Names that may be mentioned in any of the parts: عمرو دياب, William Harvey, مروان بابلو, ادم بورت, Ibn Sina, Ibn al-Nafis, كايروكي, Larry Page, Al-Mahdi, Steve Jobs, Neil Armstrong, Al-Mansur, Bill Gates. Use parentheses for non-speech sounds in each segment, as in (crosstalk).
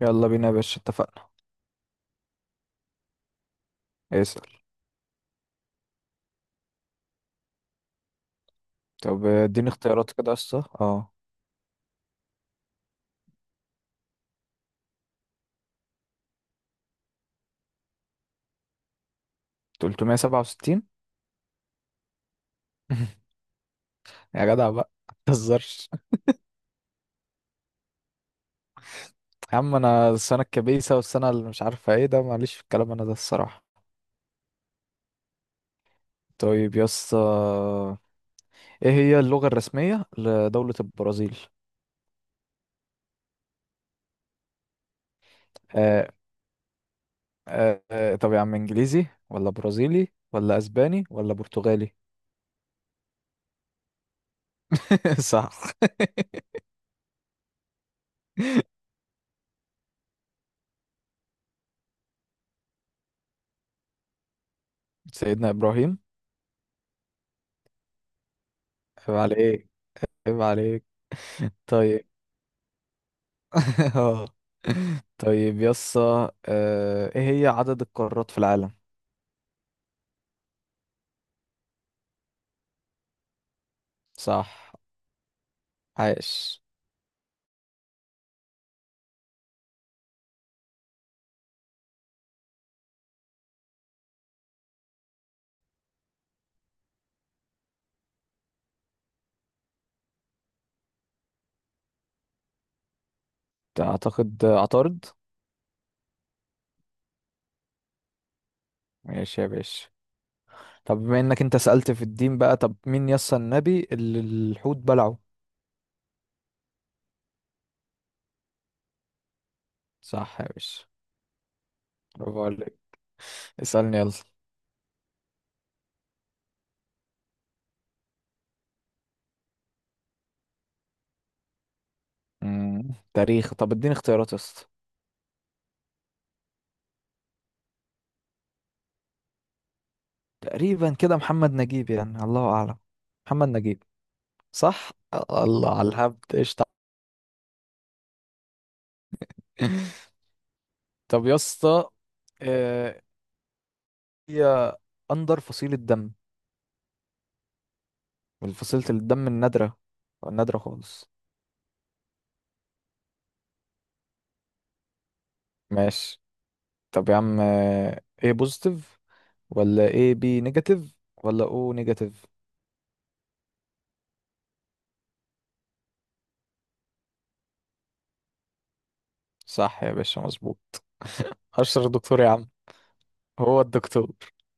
يلا بينا يا باشا، اتفقنا. اسأل. طب اديني اختيارات كده يا اسطى، 367. (laughs) يا جدع بقى ما تهزرش. يا عم انا السنة الكبيسة والسنة اللي مش عارفة ايه ده، معلش في الكلام انا ده الصراحة. طيب يا اسطى، ايه هي اللغة الرسمية لدولة البرازيل؟ آه طب يا عم، انجليزي ولا برازيلي ولا اسباني ولا برتغالي؟ (laughs) صح. سيدنا ابراهيم. عيب عليك، عيب عليك. طيب. (laughs) اه، طيب يسا، ايه هي عدد القارات في العالم؟ صح. عاش. اعتقد عطارد. ماشي يا باشا. طب بما انك انت سألت في الدين بقى، طب مين يسا النبي اللي الحوت بلعه؟ صح يا باشا، برافو عليك. اسألني يلا. تاريخ. طب اديني اختيارات يسا. تقريبا كده محمد نجيب يعني، الله اعلم. محمد نجيب. صح. الله على الهبد، قشطة. (laughs) طب يسا، هي أندر فصيلة دم، من فصيلة الدم النادرة، النادرة خالص. ماشي. طب يا عم، ايه بوزيتيف ولا ايه بي نيجاتيف ولا او نيجاتيف؟ صح يا باشا، مظبوط. أشهر دكتور يا عم، هو الدكتور.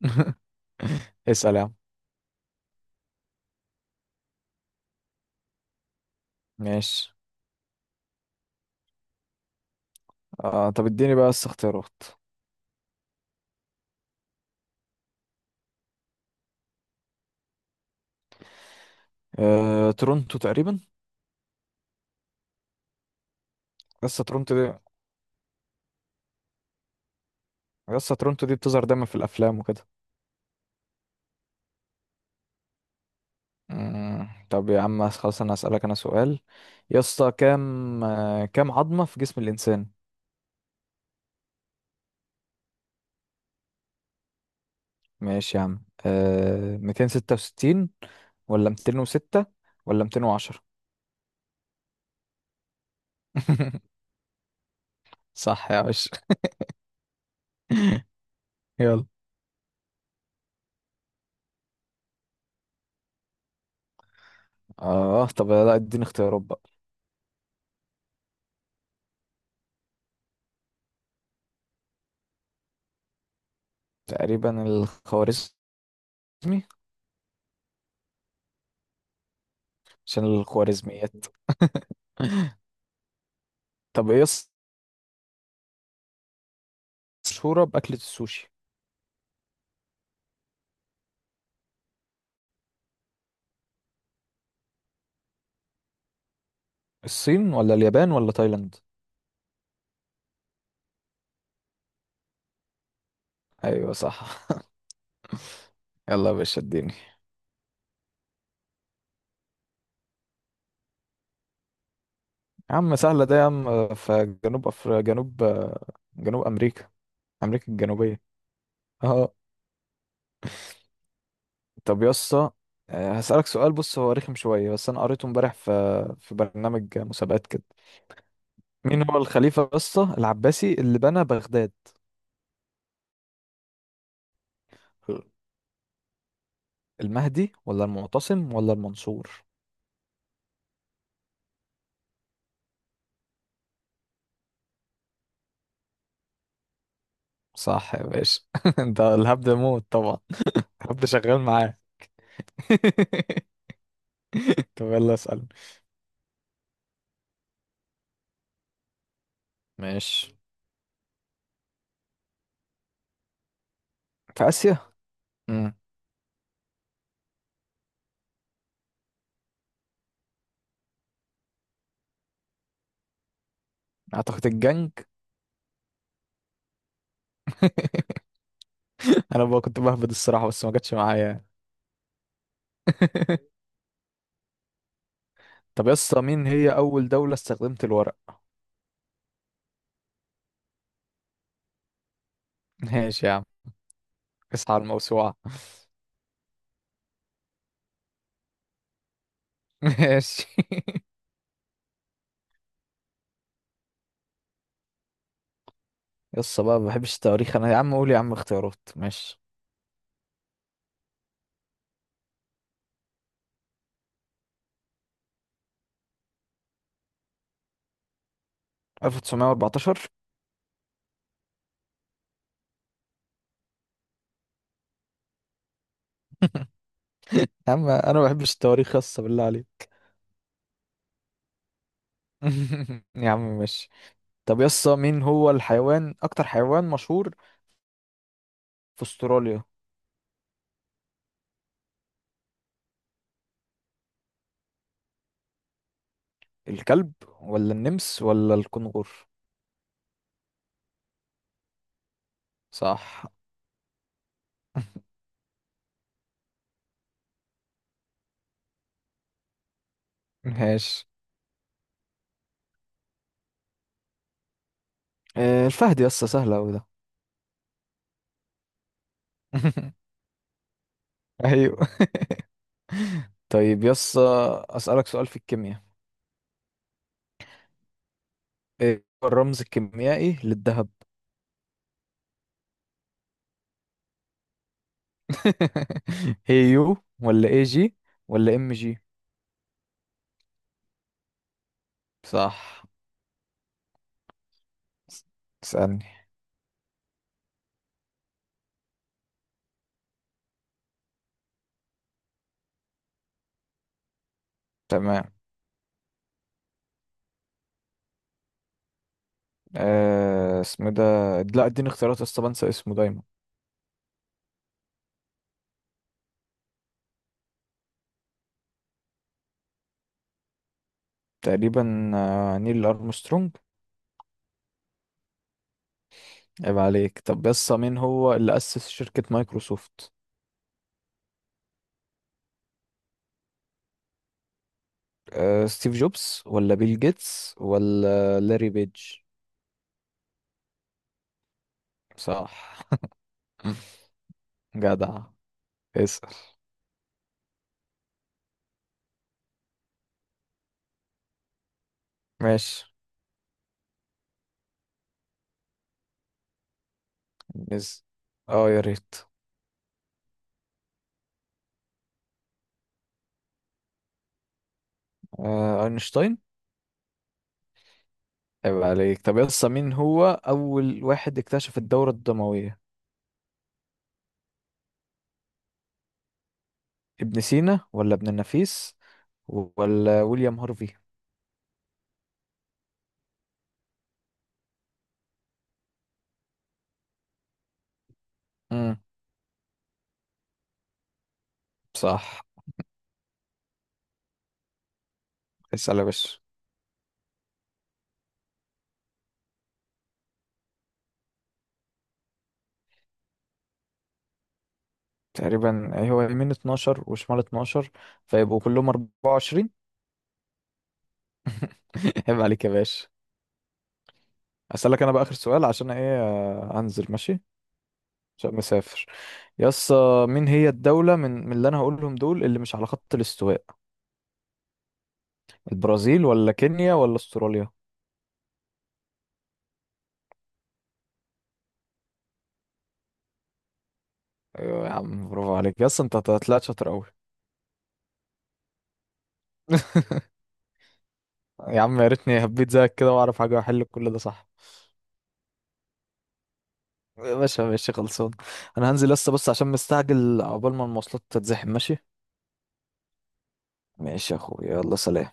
(laughs) اسأل يا عم. ماشي. آه، طب اديني بقى بس اختيارات. آه تورونتو تقريبا. لسه تورونتو دي، لسه تورونتو دي بتظهر دايما في الأفلام وكده. طب يا عم خلاص، انا هسألك انا سؤال. يا اسطى كام كام عظمة في جسم الانسان؟ ماشي يا عم. 266 ولا 206 ولا 210؟ (laughs) صح يا باشا. يلا. اه طب لا، اديني اختيارات بقى. تقريبا الخوارزمي. عشان الخوارزميات. (laughs) طب ايه مشهورة بأكلة السوشي. الصين ولا اليابان ولا تايلاند؟ ايوه صح. (laughs) يلا يا باشا اديني. يا عم سهلة ده يا عم، في جنوب، جنوب أمريكا. أمريكا الجنوبية. اه. طب يا اسطى، آه، هسألك سؤال. بص هو رخم شوية بس أنا قريته امبارح في برنامج مسابقات كده. مين هو الخليفة يا اسطى العباسي اللي بنى بغداد؟ المهدي ولا المعتصم ولا المنصور؟ صح يا باشا. (laughs) انت الهبد موت طبعا. الهبد شغال معاه. (laughs) طب يلا اسأل. ماشي. في آسيا. مم. أعتقد الجنج. (laughs) (laughs) انا بقى كنت بهبد الصراحه بس ما جاتش معايا يعني. (laughs) طب يا اسطى مين هي اول دوله استخدمت الورق؟ ماشي يا عم. اصحى على الموسوعه. (laughs) ماشي. يا اسطى بقى ما بحبش التواريخ انا يا عم، قول يا عم اختيارات. ماشي. 1914. (laughs) يا عم انا ما بحبش التواريخ يا اسطى بالله عليك. (laughs) يا عم ماشي. طب يا اسطى، مين هو الحيوان، اكتر حيوان مشهور في استراليا؟ الكلب ولا النمس ولا الكنغر؟ صح. (laughs) ماشي. آه، الفهد يا اسطى، سهل اوي ده. (laughs) ايوه. (laughs) طيب يس، اسالك سؤال في الكيمياء. ايه هو الرمز الكيميائي للذهب؟ (laughs) هي يو، ولا اي جي، ولا ام جي؟ صح. اسالني. تمام. آه اسمه ده، لا اديني اختيارات يا اسطى بنسى اسمه دايما. تقريبا نيل ارمسترونج. عيب عليك. طب يس مين هو اللي اسس شركة مايكروسوفت؟ آه ستيف جوبز ولا بيل جيتس ولا لاري بيج؟ صح. (laughs) جدع. اسأل. ماشي. نز اه يا ريت. آه اينشتاين. عيب عليك. طب يا اسطى، مين هو اول واحد اكتشف الدورة الدموية؟ ابن سينا ولا ابن النفيس ولا ويليام هارفي؟ امم صح. اسأل يا باشا. تقريبا أي هو يمين 12 وشمال 12، فيبقوا كلهم 24. (laughs) عيب عليك يا باشا. اسألك انا بقى اخر سؤال، عشان ايه انزل ماشي. عشان مسافر. يا اسطى، مين هي الدولة من اللي انا هقولهم دول اللي مش على خط الاستواء؟ البرازيل ولا كينيا ولا استراليا؟ ايوه يا عم برافو عليك. يس انت طلعت شاطر قوي. (laughs) يا عم يا ريتني هبيت زيك كده واعرف حاجه واحل كل ده صح. ماشي ماشي خلصان. انا هنزل لسه بس عشان مستعجل عقبال ما المواصلات تتزحم ماشي. ماشي يا اخويا يلا سلام.